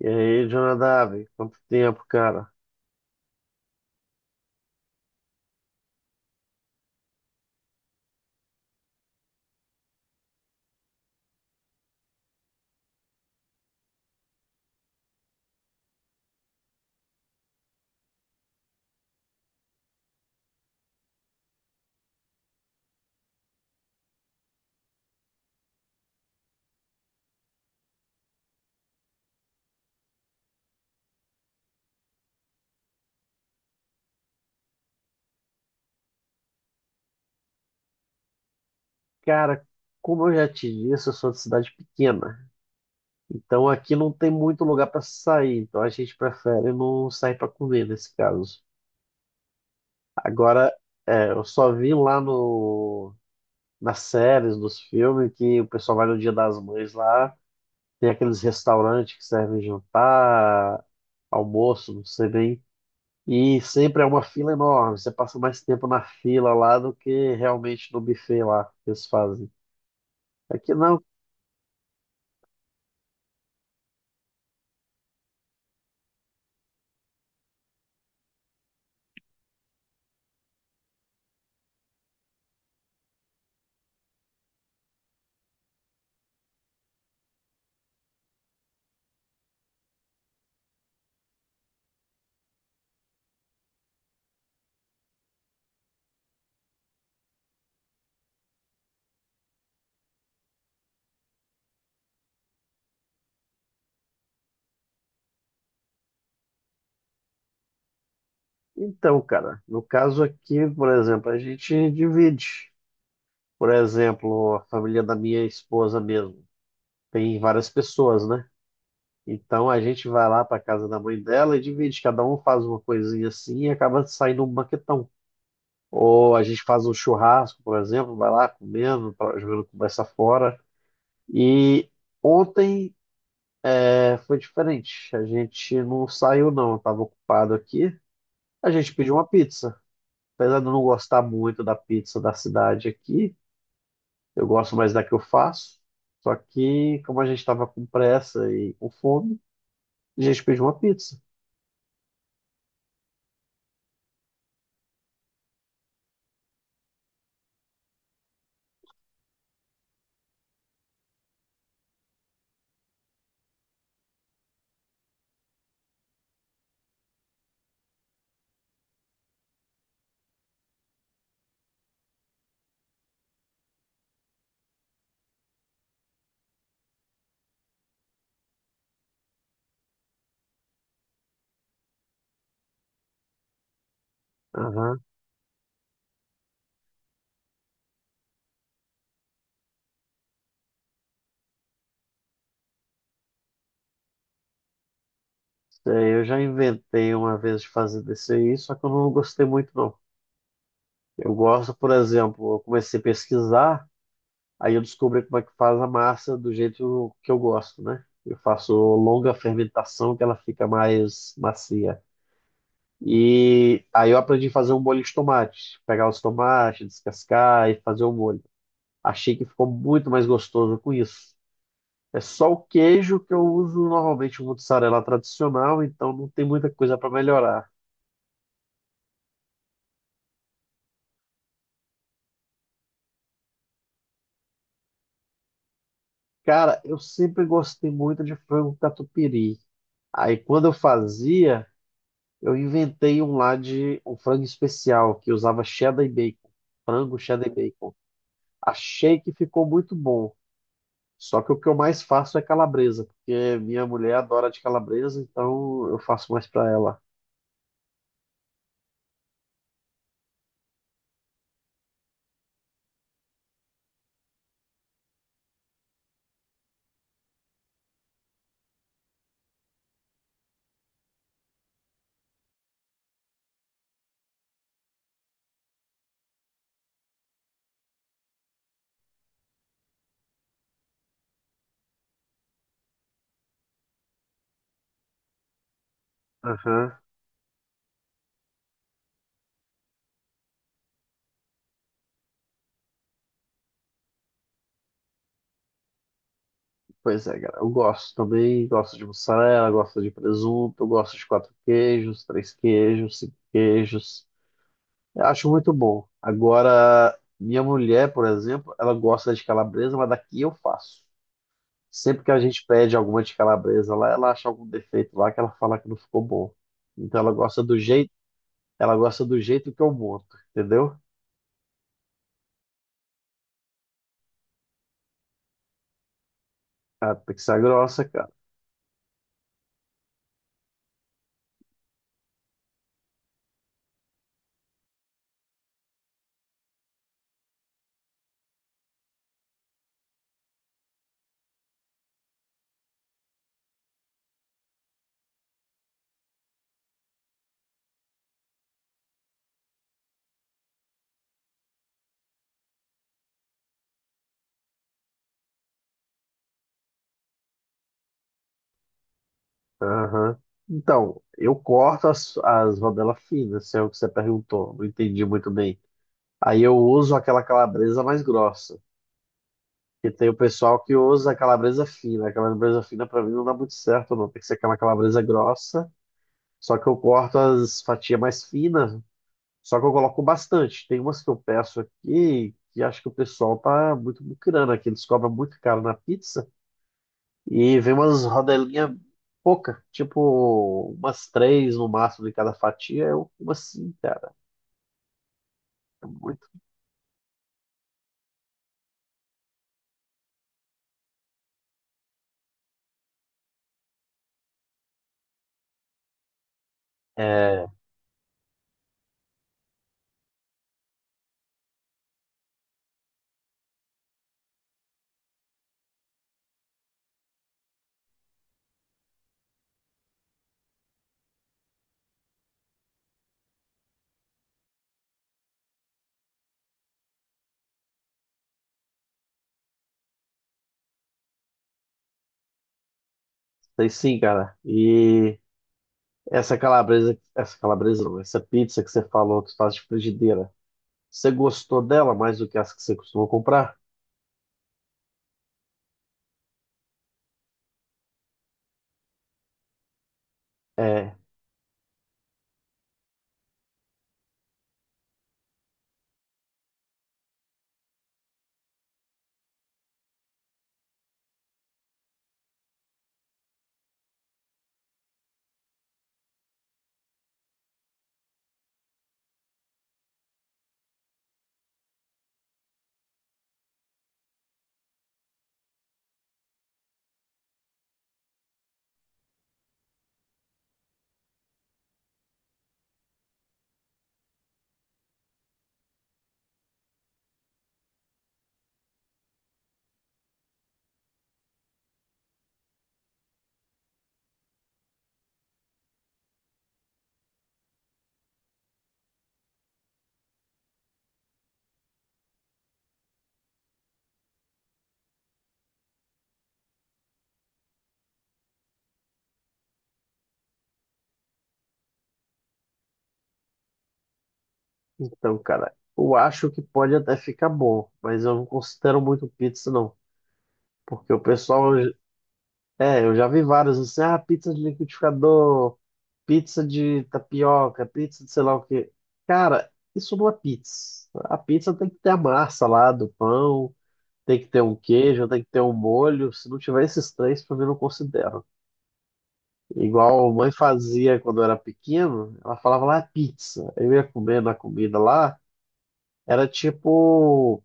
E aí, Jonadab, quanto tempo, cara? Cara, como eu já te disse, eu sou de cidade pequena. Então aqui não tem muito lugar para sair. Então a gente prefere não sair para comer nesse caso. Agora, eu só vi lá no, nas séries, nos filmes, que o pessoal vai no Dia das Mães lá. Tem aqueles restaurantes que servem jantar, almoço, não sei bem. E sempre é uma fila enorme. Você passa mais tempo na fila lá do que realmente no buffet lá que eles fazem. Aqui não. Então, cara, no caso aqui, por exemplo, a gente divide. Por exemplo, a família da minha esposa mesmo. Tem várias pessoas, né? Então a gente vai lá para casa da mãe dela e divide. Cada um faz uma coisinha assim e acaba saindo um banquetão. Ou a gente faz um churrasco, por exemplo, vai lá comendo, jogando conversa fora. E ontem foi diferente. A gente não saiu, não. Eu estava ocupado aqui. A gente pediu uma pizza. Apesar de eu não gostar muito da pizza da cidade aqui, eu gosto mais da que eu faço. Só que, como a gente estava com pressa e com fome, a gente pediu uma pizza. Aham. É, eu já inventei uma vez de fazer desse aí, só que eu não gostei muito, não. Eu gosto, por exemplo, eu comecei a pesquisar, aí eu descobri como é que faz a massa do jeito que eu gosto, né? Eu faço longa fermentação, que ela fica mais macia. E aí eu aprendi a fazer um molho de tomate. Pegar os tomates, descascar e fazer o molho. Achei que ficou muito mais gostoso com isso. É só o queijo que eu uso normalmente o mozzarella tradicional, então não tem muita coisa para melhorar. Cara, eu sempre gostei muito de frango catupiry. Aí quando eu fazia, eu inventei um lá de um frango especial que usava cheddar e bacon, frango cheddar e bacon. Achei que ficou muito bom. Só que o que eu mais faço é calabresa, porque minha mulher adora de calabresa, então eu faço mais pra ela. Aham. Pois é, cara. Eu gosto também, gosto de mussarela, gosto de presunto, gosto de quatro queijos, três queijos, cinco queijos. Eu acho muito bom. Agora, minha mulher, por exemplo, ela gosta de calabresa, mas daqui eu faço. Sempre que a gente pede alguma de calabresa lá, ela acha algum defeito lá que ela fala que não ficou bom. Então ela gosta do jeito que eu monto, entendeu? Ah, tem que ser grossa, cara. Aham. Então, eu corto as rodelas finas, se é o que você perguntou. Não entendi muito bem. Aí eu uso aquela calabresa mais grossa. E tem o pessoal que usa a calabresa fina. A calabresa fina pra mim não dá muito certo, não. Tem que ser aquela calabresa grossa. Só que eu corto as fatias mais finas. Só que eu coloco bastante. Tem umas que eu peço aqui que acho que o pessoal tá muito muquirana, aqui. Eles cobram muito caro na pizza. E vem umas rodelinhas pouca, tipo umas três no máximo de cada fatia, é uma sim, cara. É muito. É, tem sim, cara. E essa calabresa não, essa pizza que você falou que faz de frigideira, você gostou dela mais do que as que você costuma comprar? É, então, cara, eu acho que pode até ficar bom, mas eu não considero muito pizza, não. Porque o pessoal... É, eu já vi vários, assim, ah, pizza de liquidificador, pizza de tapioca, pizza de sei lá o quê. Cara, isso não é pizza. A pizza tem que ter a massa lá do pão, tem que ter um queijo, tem que ter um molho. Se não tiver esses três, pra mim, eu não considero. Igual a mãe fazia quando eu era pequeno, ela falava lá pizza. Eu ia comendo a comida lá, era tipo,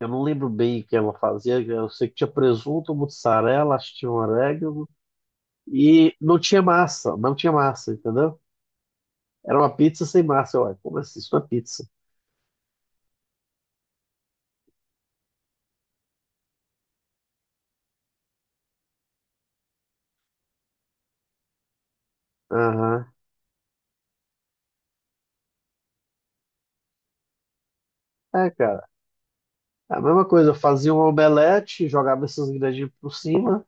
eu não lembro bem o que ela fazia, eu sei que tinha presunto, mussarela, acho que tinha um orégano, e não tinha massa, entendeu? Era uma pizza sem massa. Eu... Ué, como assim? Isso não é pizza. Aham. É, cara. É a mesma coisa, eu fazia um omelete, jogava esses ingredientes por cima,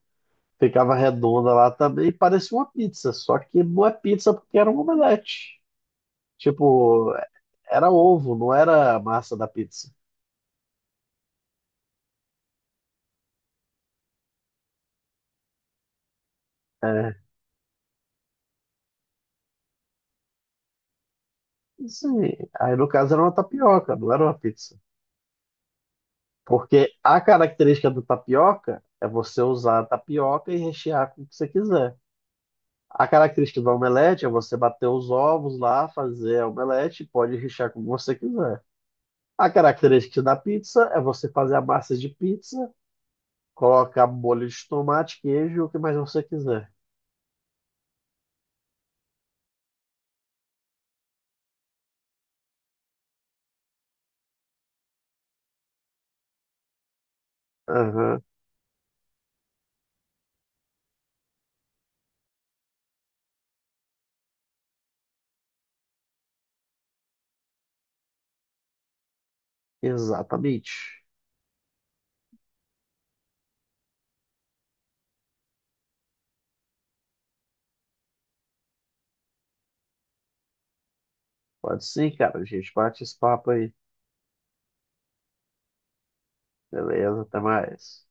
ficava redonda lá também, e parecia uma pizza. Só que não é pizza porque era um omelete. Tipo, era ovo, não era a massa da pizza. É, sim. Aí no caso era uma tapioca, não era uma pizza. Porque a característica do tapioca é você usar a tapioca e rechear com o que você quiser. A característica do omelete é você bater os ovos lá, fazer a omelete, pode rechear como você quiser. A característica da pizza é você fazer a massa de pizza, colocar molho de tomate, queijo, o que mais você quiser. Aham, exatamente. Pode sim, cara. A gente bate esse papo aí. Beleza, até mais.